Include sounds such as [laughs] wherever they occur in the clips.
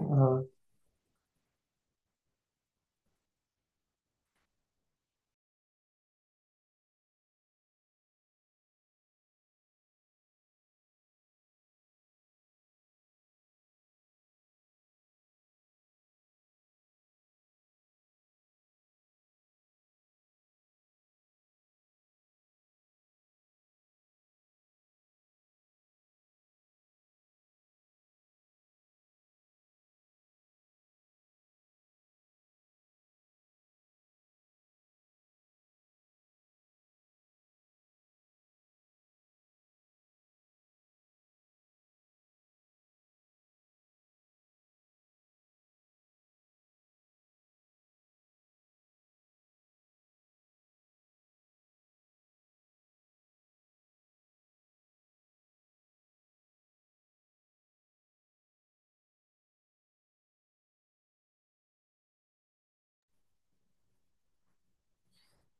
آه،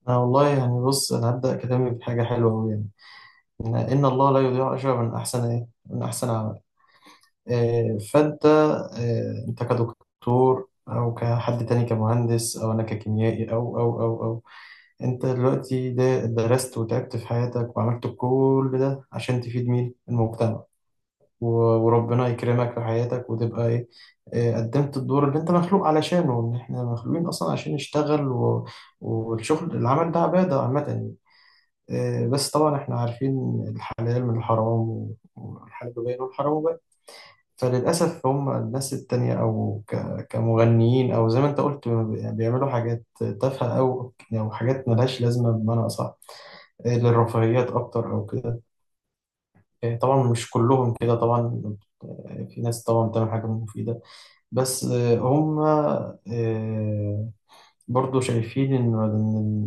أنا والله يعني بص، أنا هبدأ كلامي بحاجة حلوة أوي يعني إن الله لا يضيع أجر من أحسن إيه؟ من أحسن عمل. فأنت أنت كدكتور أو كحد تاني، كمهندس، أو أنا ككيميائي أو أنت دلوقتي ده درست وتعبت في حياتك وعملت كل ده عشان تفيد مين؟ المجتمع. و- وربنا يكرمك في حياتك وتبقى إيه؟ قدمت الدور اللي أنت مخلوق علشانه، إن إحنا مخلوقين أصلا عشان نشتغل. والشغل العمل ده عبادة عامة يعني. بس طبعا احنا عارفين الحلال من الحرام، والحلال باين والحرام باين. فللأسف هم الناس التانية أو كمغنيين، أو زي ما أنت قلت، يعني بيعملوا حاجات تافهة أو حاجات ملهاش لازمة، بمعنى أصح للرفاهيات أكتر أو كده. طبعا مش كلهم كده طبعا، في ناس طبعا بتعمل حاجة مفيدة. بس هم آه، برضه شايفين إن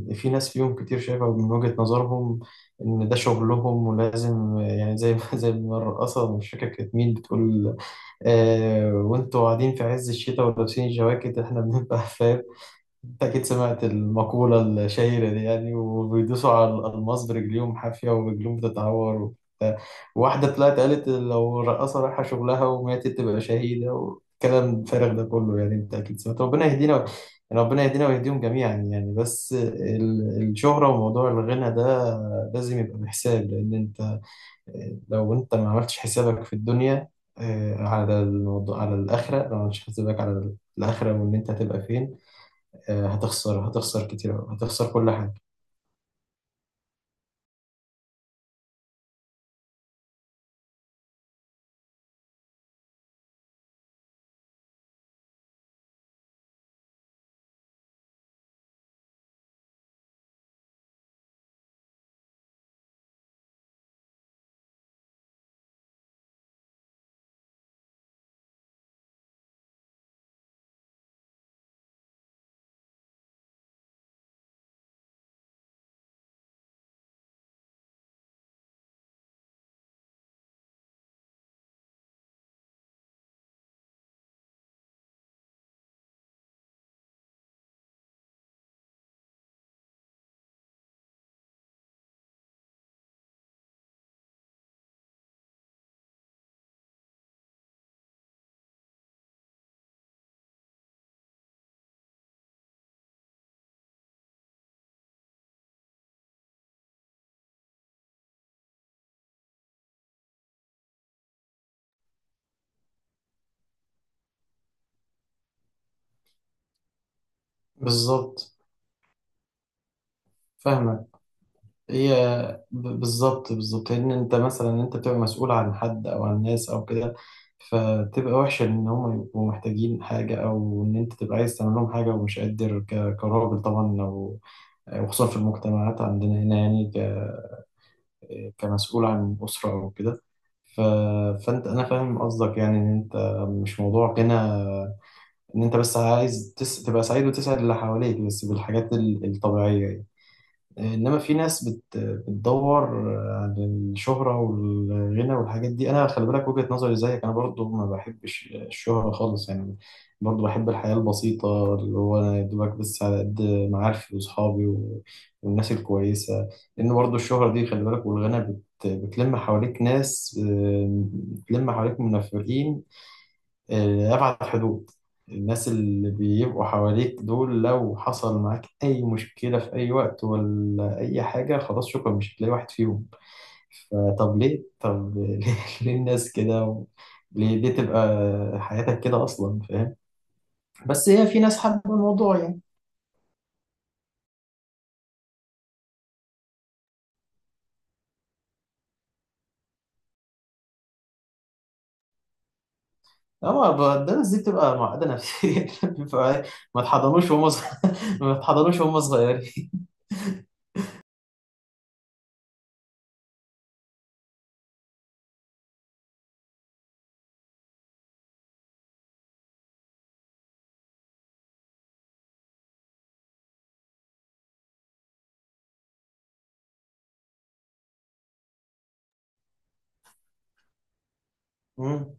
إن في ناس فيهم كتير شايفة من وجهة نظرهم إن ده شغلهم ولازم، يعني زي ما [laughs] زي ما الرقاصة، مش فاكر كانت مين بتقول: آه وأنتوا قاعدين في عز الشتاء ولابسين الجواكت، إحنا بنبقى [laughs] فاهم. انت اكيد سمعت المقولة الشهيرة دي يعني، وبيدوسوا على الألماس برجليهم حافية ورجليهم بتتعور وبتاع. واحدة طلعت قالت لو رقاصة رايحة شغلها وماتت تبقى شهيدة، والكلام الفارغ ده كله يعني. انت اكيد سمعت. يعني ربنا يهدينا ويهديهم جميعا يعني. بس الشهرة وموضوع الغنى ده لازم يبقى بحساب، لأن لو انت ما عملتش حسابك في الدنيا، على الآخرة. لو ما عملتش حسابك على الآخرة وإن أنت هتبقى فين، هتخسر كتير أوي، هتخسر كل حاجة. بالظبط، فاهمك. هي بالظبط، لأن أنت مثلا أنت بتبقى مسؤول عن حد أو عن ناس أو كده، فتبقى وحشة إن هم يبقوا محتاجين حاجة أو إن أنت تبقى عايز تعمل لهم حاجة ومش قادر كراجل طبعا. أو وخصوصا في المجتمعات عندنا هنا، يعني كمسؤول عن أسرة أو كده. ف... فأنت، أنا فاهم قصدك يعني، إن أنت مش موضوع غنى. ان انت بس عايز تبقى سعيد وتسعد اللي حواليك بس بالحاجات الطبيعية يعني. انما في ناس بتدور على الشهرة والغنى والحاجات دي. انا خلي بالك، وجهة نظري زيك، انا برضو ما بحبش الشهرة خالص يعني. برضو بحب الحياة البسيطة، اللي هو انا يا دوبك بس على قد معارفي واصحابي. والناس الكويسة، لان برضو الشهرة دي خلي بالك، والغنى بتلم حواليك ناس، بتلم حواليك منافقين أبعد حدود. الناس اللي بيبقوا حواليك دول، لو حصل معاك أي مشكلة في أي وقت ولا أي حاجة، خلاص شكرا مش هتلاقي واحد فيهم. فطب ليه، طب [laughs] ليه الناس كده؟ ليه تبقى حياتك كده أصلا، فاهم؟ بس هي في ناس حابة الموضوع يعني. أما ده الناس دي بتبقى معقدة نفسيا [laughs] بيبقى، ما اتحضنوش وهم [laughs] ما اتحضنوش وهم صغيرين. [laughs] مم.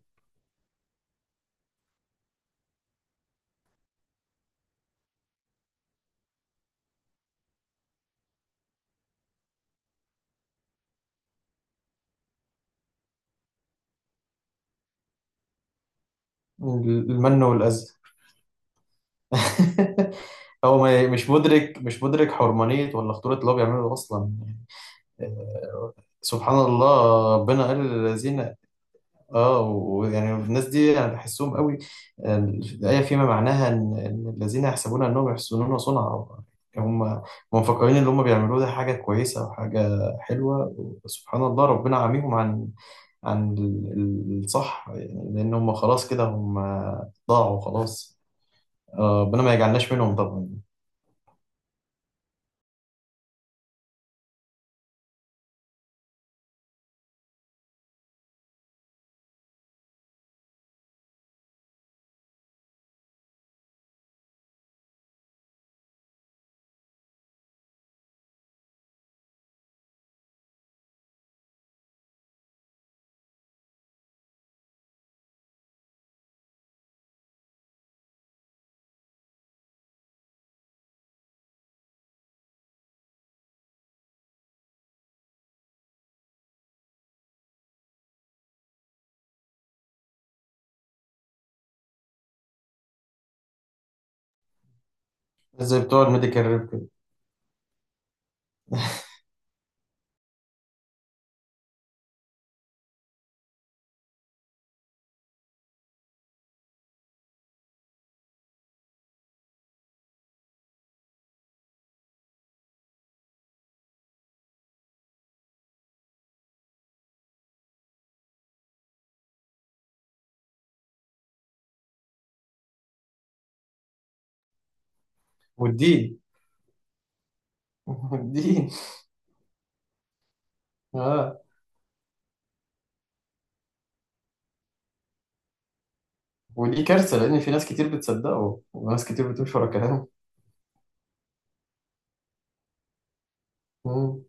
المن والأذى. [laughs] هو مش مدرك، مش مدرك حرمانية ولا خطورة اللي هو بيعمله أصلا. آه، سبحان الله، ربنا قال للذين... اه ويعني الناس دي يعني بحسهم قوي. الآية فيما معناها إن الذين يحسبون أنهم يحسنون صنعا، هم مفكرين اللي هم بيعملوه ده حاجة كويسة وحاجة حلوة. سبحان الله، ربنا عاميهم عن الصح يعني، لأن هم خلاص كده هم ضاعوا خلاص. ربنا ما يجعلناش منهم طبعا. زي بتوع الميديكال ريب كده. [laughs] والدين، والدين. اه ودي كارثه لان في ناس كتير بتصدقه وناس كتير بتمشي ورا كلامه. مم.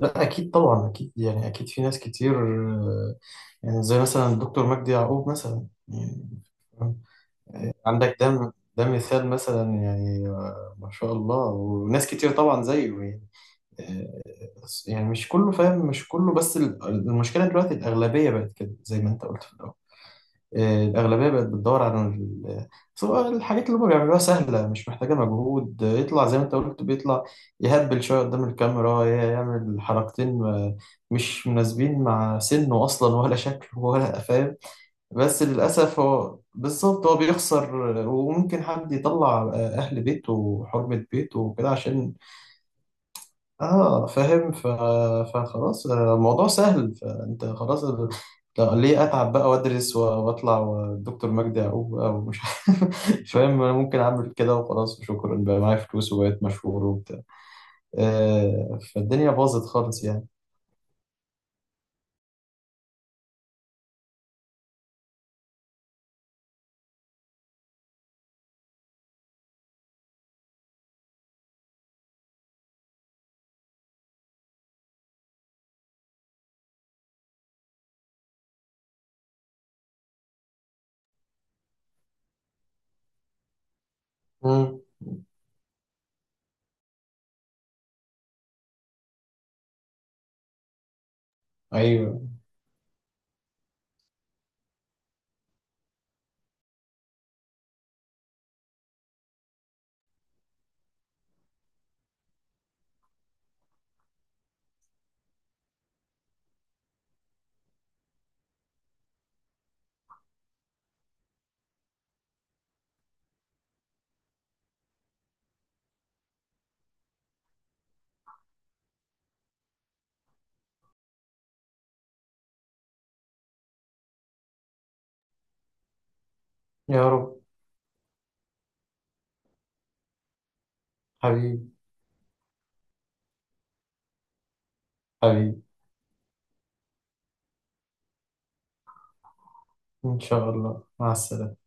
لا اكيد طبعا، اكيد يعني، اكيد في ناس كتير. آه، يعني زي مثلا الدكتور مجدي يعقوب مثلا يعني. عندك ده، ده مثال مثلا يعني، ما شاء الله، وناس كتير طبعا زيه يعني. آه، يعني مش كله فاهم، مش كله، بس المشكله دلوقتي الاغلبيه بقت كده زي ما انت قلت في الأول. الأغلبية بقت بتدور على. بس هو الحاجات اللي هما بيعملوها سهلة مش محتاجة مجهود. يطلع زي ما أنت قلت، بيطلع يهبل شوية قدام الكاميرا، يعمل حركتين مش مناسبين مع سنه أصلا ولا شكله ولا فاهم. بس للأسف هو بالظبط هو بيخسر، وممكن حد يطلع أهل بيته وحرمة بيته وكده عشان... اه فاهم. فخلاص، الموضوع سهل، فانت خلاص لا، ليه اتعب بقى وادرس واطلع والدكتور مجدي يعقوب بقى ومش [laughs] عارف، فاهم. انا ممكن اعمل كده وخلاص وشكرا، بقى معايا فلوس وبقيت مشهور وبتاع. فالدنيا باظت خالص يعني. مم. ايوه. يا رب. حبيبي، حبيبي. ان شاء الله، مع السلامه.